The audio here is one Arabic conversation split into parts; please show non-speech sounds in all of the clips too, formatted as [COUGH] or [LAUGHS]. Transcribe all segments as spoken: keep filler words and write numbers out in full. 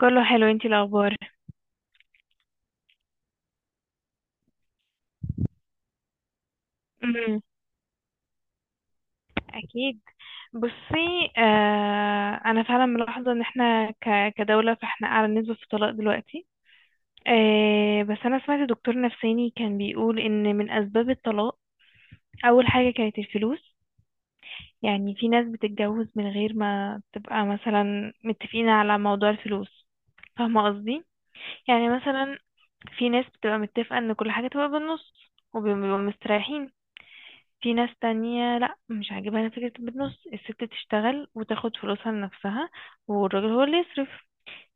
كله حلو، انتي الاخبار؟ امم. اكيد. بصي، آه انا فعلا ملاحظه ان احنا ك- كدوله فاحنا اعلى نسبه في الطلاق دلوقتي. آه، بس انا سمعت دكتور نفساني كان بيقول ان من اسباب الطلاق اول حاجه كانت الفلوس. يعني في ناس بتتجوز من غير ما تبقى مثلا متفقين على موضوع الفلوس، فاهمه قصدي؟ يعني مثلا في ناس بتبقى متفقه ان كل حاجه تبقى بالنص وبيبقوا مستريحين. في ناس تانية لا، مش عاجبها أنا فكرة بالنص، الست تشتغل وتاخد فلوسها لنفسها والراجل هو اللي يصرف.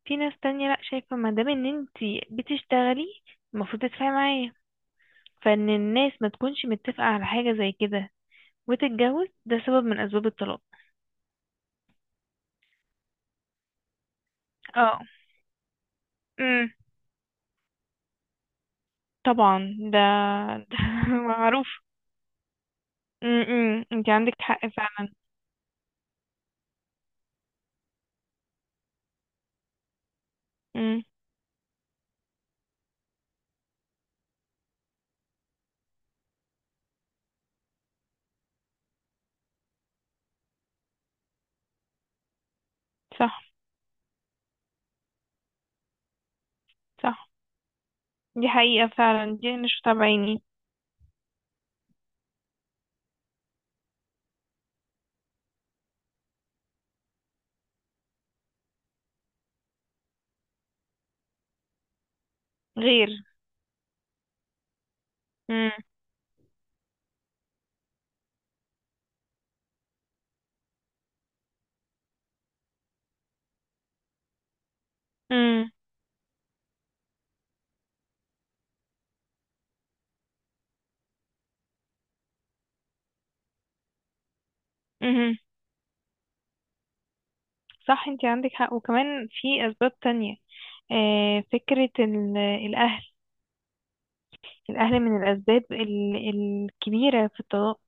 في ناس تانية لا، شايفة ما دام ان انتي بتشتغلي المفروض تدفعي معايا. فان الناس ما تكونش متفقة على حاجة زي كده وتتجوز، ده سبب من اسباب الطلاق. اه. امم. طبعا ده [LAUGHS] ده معروف. امم، انتي عندك حق فعلا. امم. صح. صح، دي حقيقة فعلا، دي انا شفتها بعيني. غير. امم. امم. صح، انت عندك حق، وكمان في اسباب تانية. آه، فكرة ال- الاهل، الاهل من الاسباب ال- الكبيرة في الطلاق.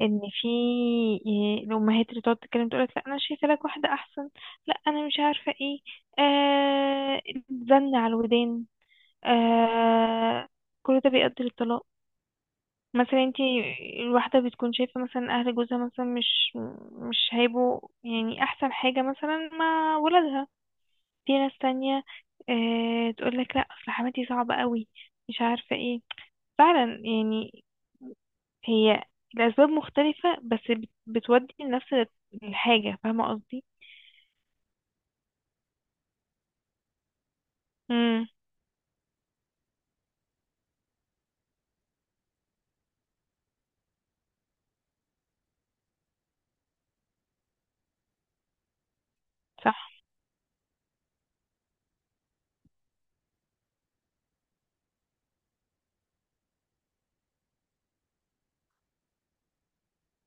ان في آه، الامهات اللي تقعد تتكلم تقولك لا انا شايفه لك واحده احسن، لا انا مش عارفه ايه. آه، زن على الودان. آه، كل ده بيؤدي للطلاق. مثلا انت الواحده بتكون شايفه مثلا اهل جوزها مثلا مش مش هيبقوا يعني احسن حاجه مثلا مع ولادها. في ناس تانية آه، تقول لك لا اصل حماتي صعبة قوي، مش عارفة ايه. فعلا يعني، هي الأسباب مختلفة بس بت- بتودي لنفس الحاجة، فاهمة قصدي؟ امم. صح.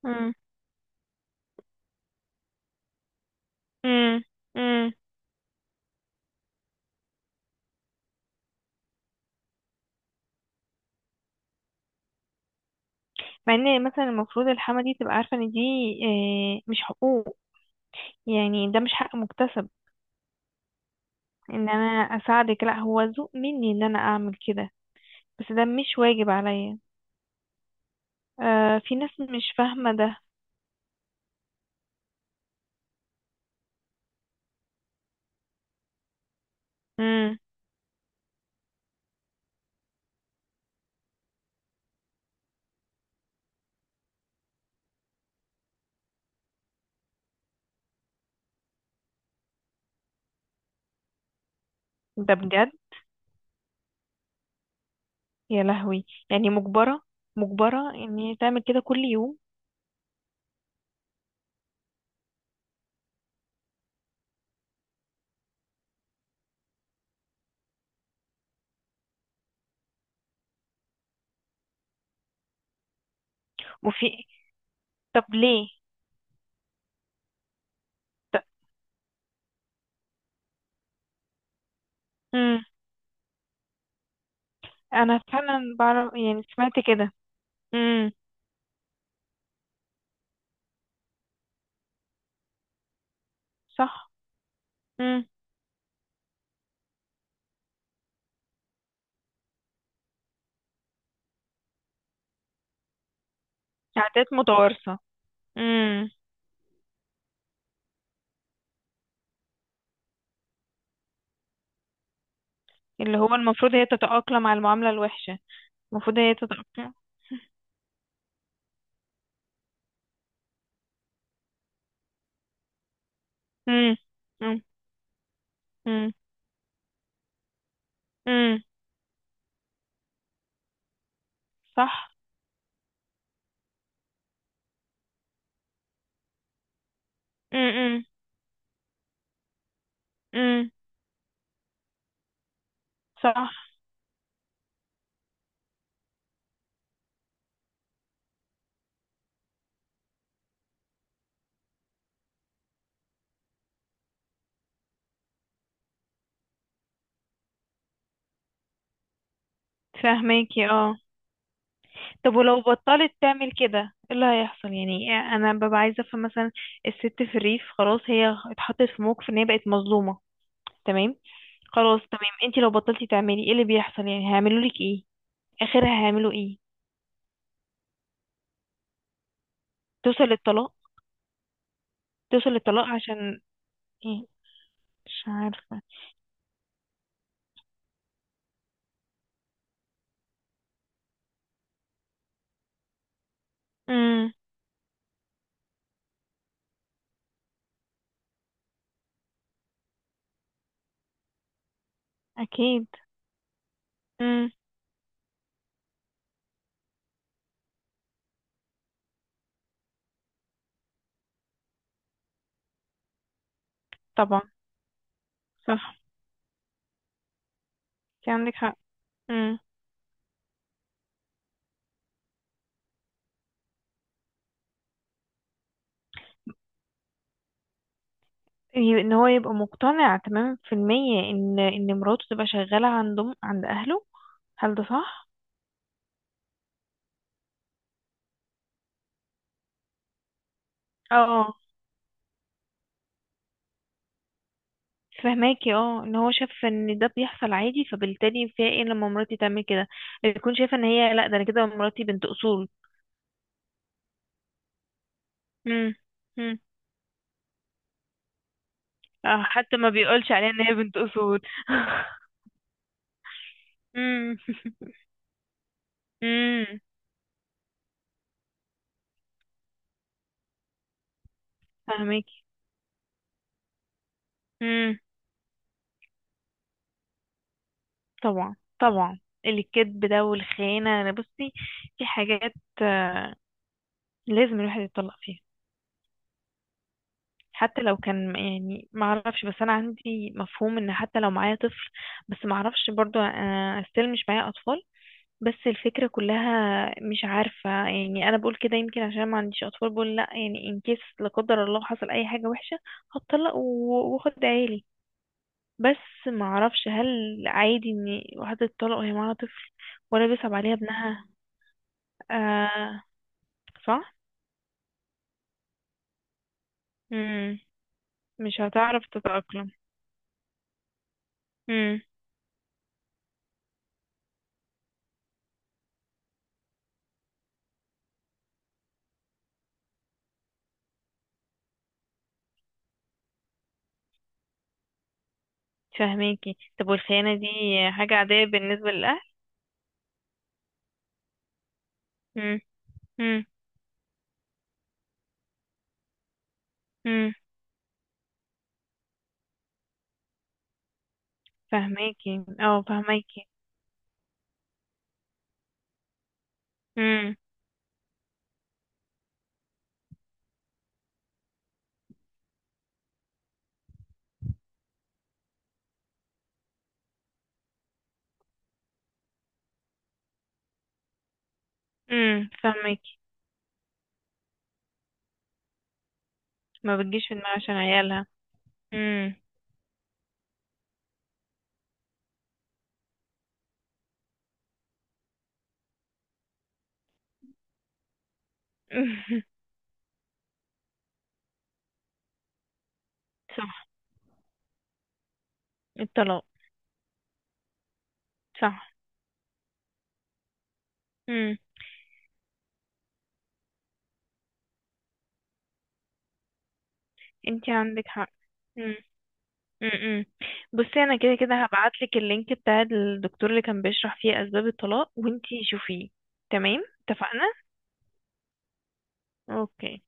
امم. امم. امم. مع ان مثلا المفروض الحما دي تبقى عارفة ان دي آه، مش حقوق. يعني ده مش حق مكتسب ان انا اساعدك، لا هو ذوق مني ان انا اعمل كده، بس ده مش واجب عليا. آه، في ناس مش فاهمة ده. امم. ده بجد، يا لهوي يعني مجبرة، مجبرة ان هي تعمل كده كل يوم. وفي. طب ليه. طب. مم. انا فعلا بعرف، يعني سمعت كده. امم. صح. امم. عادات متوارثة. امم. اللي هو المفروض هي تتأقلم على المعاملة الوحشة. المفروض هي تتأقلم. امم. امم. امم. صح. امم. امم. صح. فاهماكي اه. طب ولو بطلت تعمل كده ايه اللي هيحصل؟ يعني انا ببقى عايزه افهم. مثلا الست في الريف خلاص هي اتحطت في موقف ان هي بقت مظلومه، تمام. خلاص، تمام، انتي لو بطلتي تعملي ايه اللي بيحصل؟ يعني هيعملوا لك ايه؟ اخرها هيعملوا ايه؟ توصل للطلاق. توصل للطلاق عشان ايه؟ مش عارفه. امم. اكيد. امم. طبعا. صح، انت عندك حق. امم. ان هو يبقى مقتنع تمام في المية ان ان مراته تبقى شغاله عندهم عند اهله، هل ده صح؟ اه. فهماكي اه، ان هو شاف ان ده بيحصل عادي فبالتالي فيها ايه لما مراتي تعمل كده. بتكون شايفه ان هي لا، ده انا كده مراتي بنت اصول. امم. امم. اه، حتى ما بيقولش عليها ان هي بنت اصول. [LAUGHS] امم. امم. فهماكي. امم. [LAUGHS] طبعا طبعا، الكذب ده والخيانه. انا بصي في حاجات آه، لازم الواحد يتطلق فيها. حتى لو كان يعني ما اعرفش، بس انا عندي مفهوم ان حتى لو معايا طفل، بس ما اعرفش برضو آه، استيل مش معايا اطفال، بس الفكرة كلها مش عارفة. يعني أنا بقول كده يمكن عشان ما عنديش أطفال بقول لأ، يعني إن كيس لا قدر الله حصل أي حاجة وحشة هتطلق و- وأخد عيالي. بس ما أعرفش هل عادي إن واحدة تطلق وهي معاها طفل ولا بيصعب عليها ابنها. آه. صح؟ مم. مش هتعرف تتأقلم. مم. فهماكي. طب والخيانة دي حاجة عادية بالنسبة للأهل؟ مم. مم. مم. فهماكي اه، فهماكي. امم. امم. ما بتجيش في دماغها عشان عيالها. امم. [LAUGHS] صح. الطلاق. صح. امم، انتي عندك حق. امم. امم. بصي انا كده كده هبعتلك اللينك بتاع الدكتور اللي كان بيشرح فيه اسباب الطلاق وانتي شوفيه. تمام. اتفقنا. اوكي.